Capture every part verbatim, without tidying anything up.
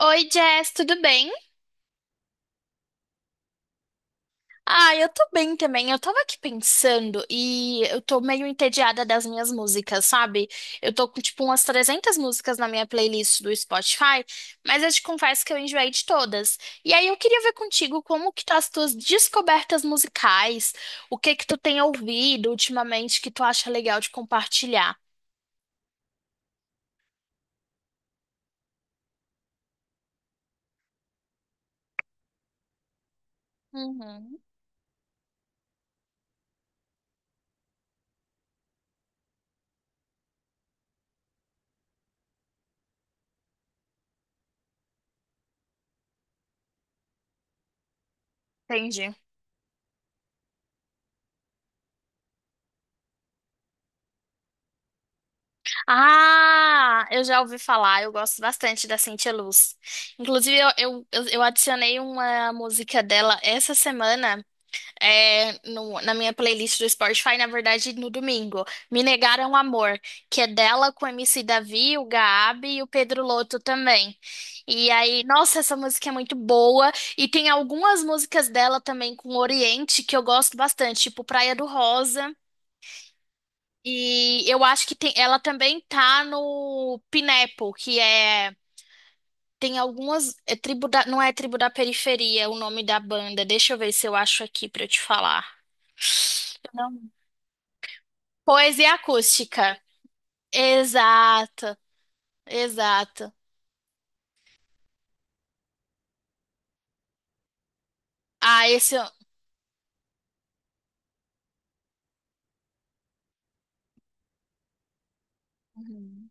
Oi, Jess, tudo bem? Ah, eu tô bem também. Eu tava aqui pensando e eu tô meio entediada das minhas músicas, sabe? Eu tô com tipo umas trezentas músicas na minha playlist do Spotify, mas eu te confesso que eu enjoei de todas. E aí eu queria ver contigo como que tá as tuas descobertas musicais, o que que tu tem ouvido ultimamente que tu acha legal de compartilhar. Uhum, entendi. Ah, eu já ouvi falar, eu gosto bastante da Cintia Luz. Inclusive, eu, eu, eu eu adicionei uma música dela essa semana é, no- na minha playlist do Spotify, na verdade, no domingo. Me Negaram Amor, que é dela com o M C Davi, o Gabi e o Pedro Lotto também. E aí, nossa, essa música é muito boa. E tem algumas músicas dela também com o Oriente que eu gosto bastante, tipo Praia do Rosa. E eu acho que tem, ela também tá no Pineapple, que é. Tem algumas. É tribo da, não é tribo da periferia, é o nome da banda. Deixa eu ver se eu acho aqui pra eu te falar. Não. Poesia acústica. Exato, exato. Ah, esse. Eu- Uhum.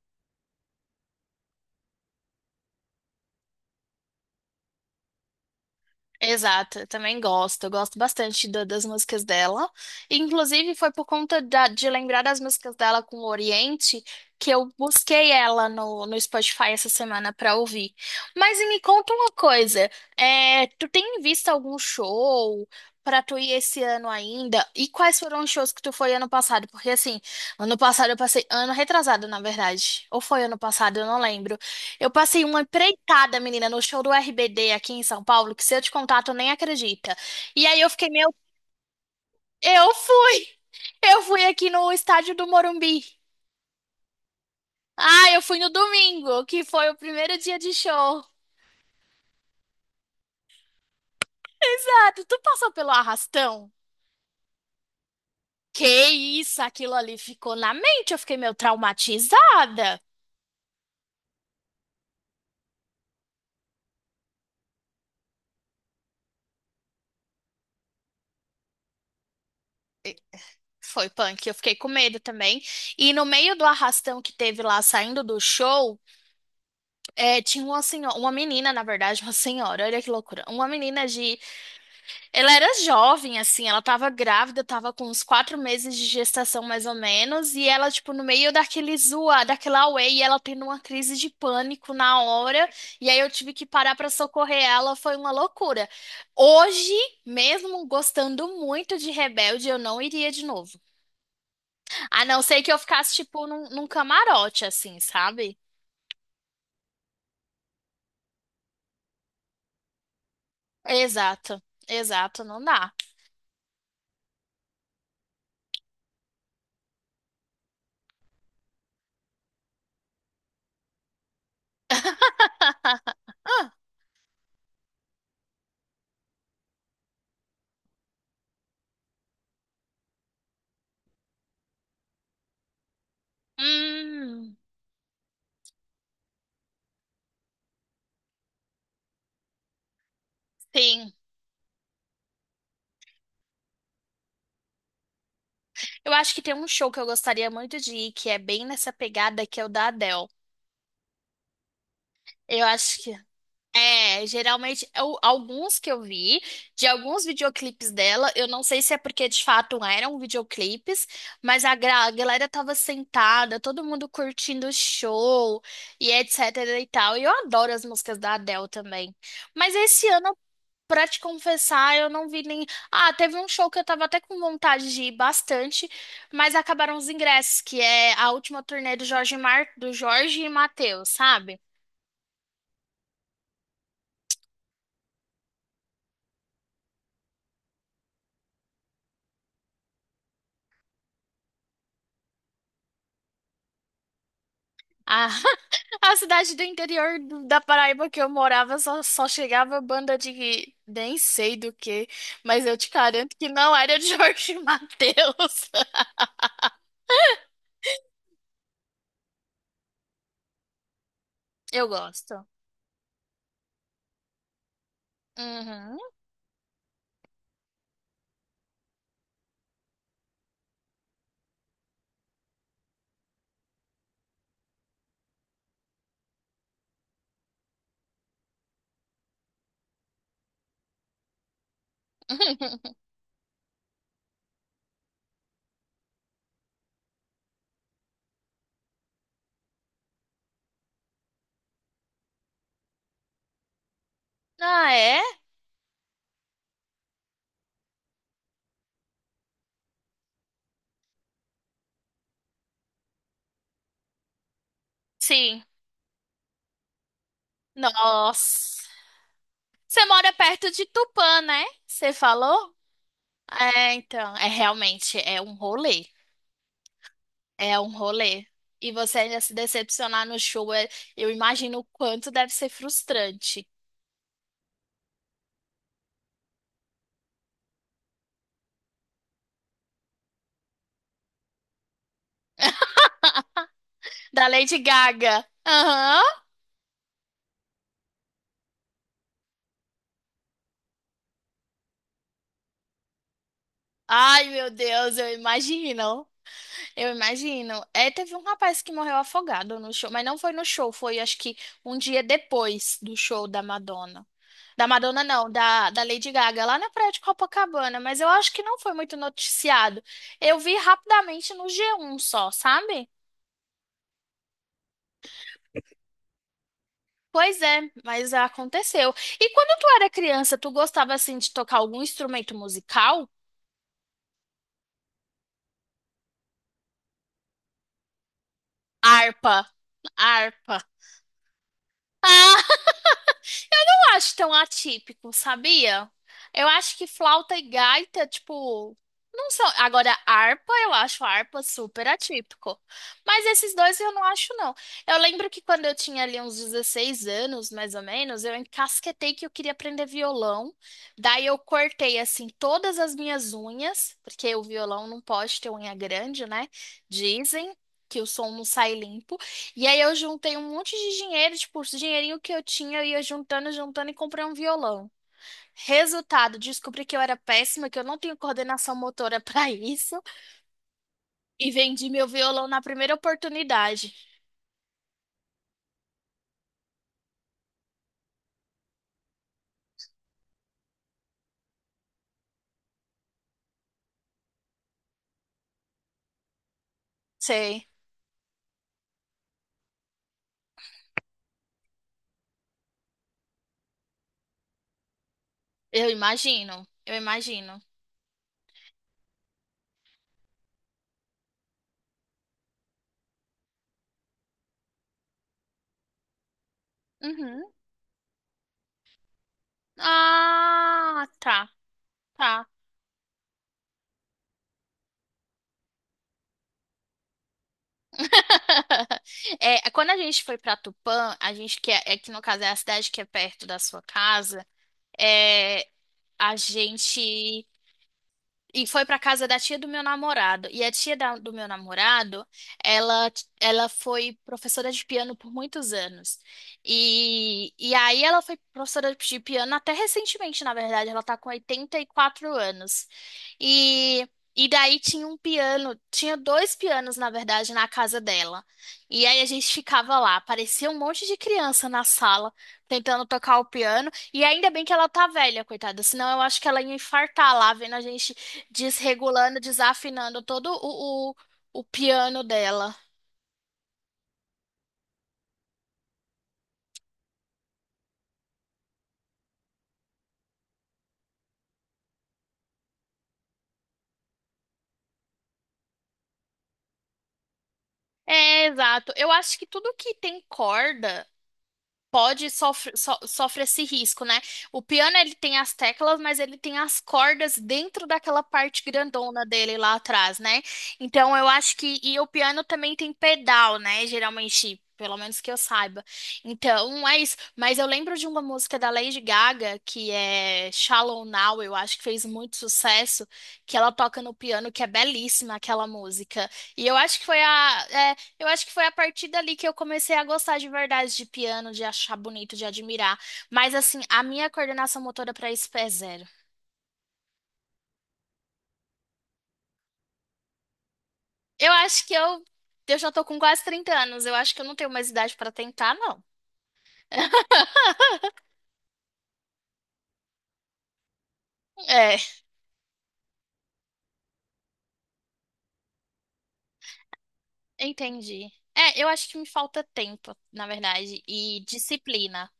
Exato, eu também gosto. Eu gosto bastante da- das músicas dela. E, inclusive, foi por conta da- de lembrar das músicas dela com o Oriente que eu busquei ela no, no Spotify essa semana pra ouvir. Mas e me conta uma coisa: é, tu tem visto algum show pra tu ir esse ano ainda? E quais foram os shows que tu foi ano passado? Porque, assim, ano passado eu passei. Ano retrasado, na verdade. Ou foi ano passado, eu não lembro. Eu passei uma empreitada, menina, no show do R B D aqui em São Paulo, que se eu te contar, tu nem acredita. E aí eu fiquei, meu, eu fui! Eu fui aqui no estádio do Morumbi. Ah, eu fui no domingo, que foi o primeiro dia de show. Exato, tu passou pelo arrastão? Que isso, aquilo ali ficou na mente, eu fiquei meio traumatizada. Foi punk, eu fiquei com medo também. E no meio do arrastão que teve lá saindo do show, é, tinha uma senhora, uma menina, na verdade, uma senhora, olha que loucura. Uma menina de. Ela era jovem, assim, ela tava grávida, tava com uns quatro meses de gestação, mais ou menos, e ela, tipo, no meio daquele zoa, daquela auê, e ela tendo uma crise de pânico na hora, e aí eu tive que parar pra socorrer ela, foi uma loucura. Hoje, mesmo gostando muito de Rebelde, eu não iria de novo. A não ser que eu ficasse, tipo, num, num camarote, assim, sabe? Exato, exato, não dá. Hum, sim. Eu acho que tem um show que eu gostaria muito de ir, que é bem nessa pegada que é o da Adele. Eu acho que. É, geralmente, eu- alguns que eu vi, de alguns videoclipes dela, eu não sei se é porque de fato eram videoclipes, mas a, gra- a galera tava sentada, todo mundo curtindo o show e etc e tal. E eu adoro as músicas da Adele também. Mas esse ano pra te confessar, eu não vi nem. Ah, teve um show que eu tava até com vontade de ir bastante, mas acabaram os ingressos, que é a última turnê do Jorge Mar... do Jorge e Mateus, sabe? A... a cidade do interior do- da Paraíba que eu morava só, só chegava banda de nem sei do que, mas eu te garanto que não era de Jorge e Mateus. Eu gosto. Uhum. Ah, é? Sim. Nossa. Você mora perto de Tupã, né? Você falou? É, então, é realmente, é um rolê. É um rolê. E você ainda se decepcionar no show, é- eu imagino o quanto deve ser frustrante. Da Lady Gaga. Aham. Ai, meu Deus, eu imagino. Eu imagino. É, teve um rapaz que morreu afogado no show, mas não foi no show, foi acho que um dia depois do show da Madonna. Da Madonna, não, da, da Lady Gaga, lá na Praia de Copacabana, mas eu acho que não foi muito noticiado. Eu vi rapidamente no G um só, sabe? Pois é, mas aconteceu. E quando tu era criança, tu gostava assim de tocar algum instrumento musical? Harpa, harpa. Não acho tão atípico, sabia? Eu acho que flauta e gaita, tipo, não são. Agora, harpa, eu acho harpa super atípico. Mas esses dois eu não acho, não. Eu lembro que quando eu tinha ali uns dezesseis anos, mais ou menos, eu encasquetei que eu queria aprender violão. Daí eu cortei, assim, todas as minhas unhas, porque o violão não pode ter unha grande, né? Dizem que o som não sai limpo. E aí eu juntei um monte de dinheiro, tipo, os dinheirinho que eu tinha, eu ia juntando, juntando e comprei um violão. Resultado, descobri que eu era péssima, que eu não tenho coordenação motora pra isso e vendi meu violão na primeira oportunidade. Sei, eu imagino, eu imagino. Uhum. Ah, tá, tá. É, quando a gente foi pra Tupã, a gente que é, é que no caso é a cidade que é perto da sua casa, é, a gente e foi pra casa da tia do meu namorado. E a tia da- do meu namorado, ela, ela foi professora de piano por muitos anos. E, e aí ela foi professora de piano até recentemente, na verdade. Ela tá com oitenta e quatro anos. E, e daí tinha um piano, tinha dois pianos, na verdade, na casa dela. E aí a gente ficava lá, parecia um monte de criança na sala, tentando tocar o piano. E ainda bem que ela tá velha, coitada, senão eu acho que ela ia infartar lá, vendo a gente desregulando, desafinando todo o, o, o piano dela. É, exato. Eu acho que tudo que tem corda. Pode sofre, so- sofre esse risco, né? O piano ele tem as teclas, mas ele tem as cordas dentro daquela parte grandona dele lá atrás, né? Então eu acho que e o piano também tem pedal, né? Geralmente, pelo menos que eu saiba. Então é isso. Mas eu lembro de uma música da Lady Gaga que é Shallow Now, eu acho que fez muito sucesso, que ela toca no piano, que é belíssima aquela música. E eu acho que foi a é, eu acho que foi a partir dali que eu comecei a gostar de verdade de piano, de achar bonito, de admirar. Mas assim, a minha coordenação motora para isso é zero. Eu acho que eu, eu já tô com quase trinta anos. Eu acho que eu não tenho mais idade para tentar, não. É, entendi. É, eu acho que me falta tempo, na verdade, e disciplina.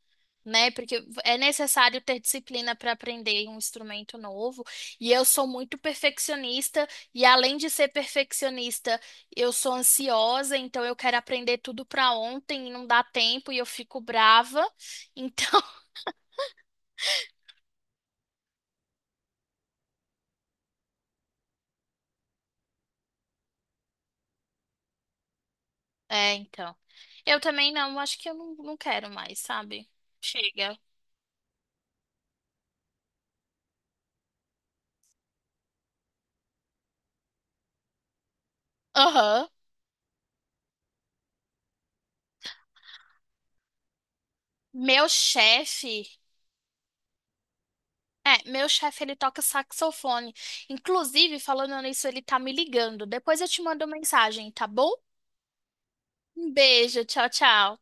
Né? Porque é necessário ter disciplina para aprender um instrumento novo. E eu sou muito perfeccionista, e além de ser perfeccionista, eu sou ansiosa, então eu quero aprender tudo para ontem e não dá tempo e eu fico brava. Então, é, então. Eu também não, acho que eu não, não quero mais, sabe? Chega. Aham. Meu chefe. É, meu chefe, ele toca saxofone. Inclusive, falando nisso, ele tá me ligando. Depois eu te mando mensagem, tá bom? Um beijo, tchau, tchau.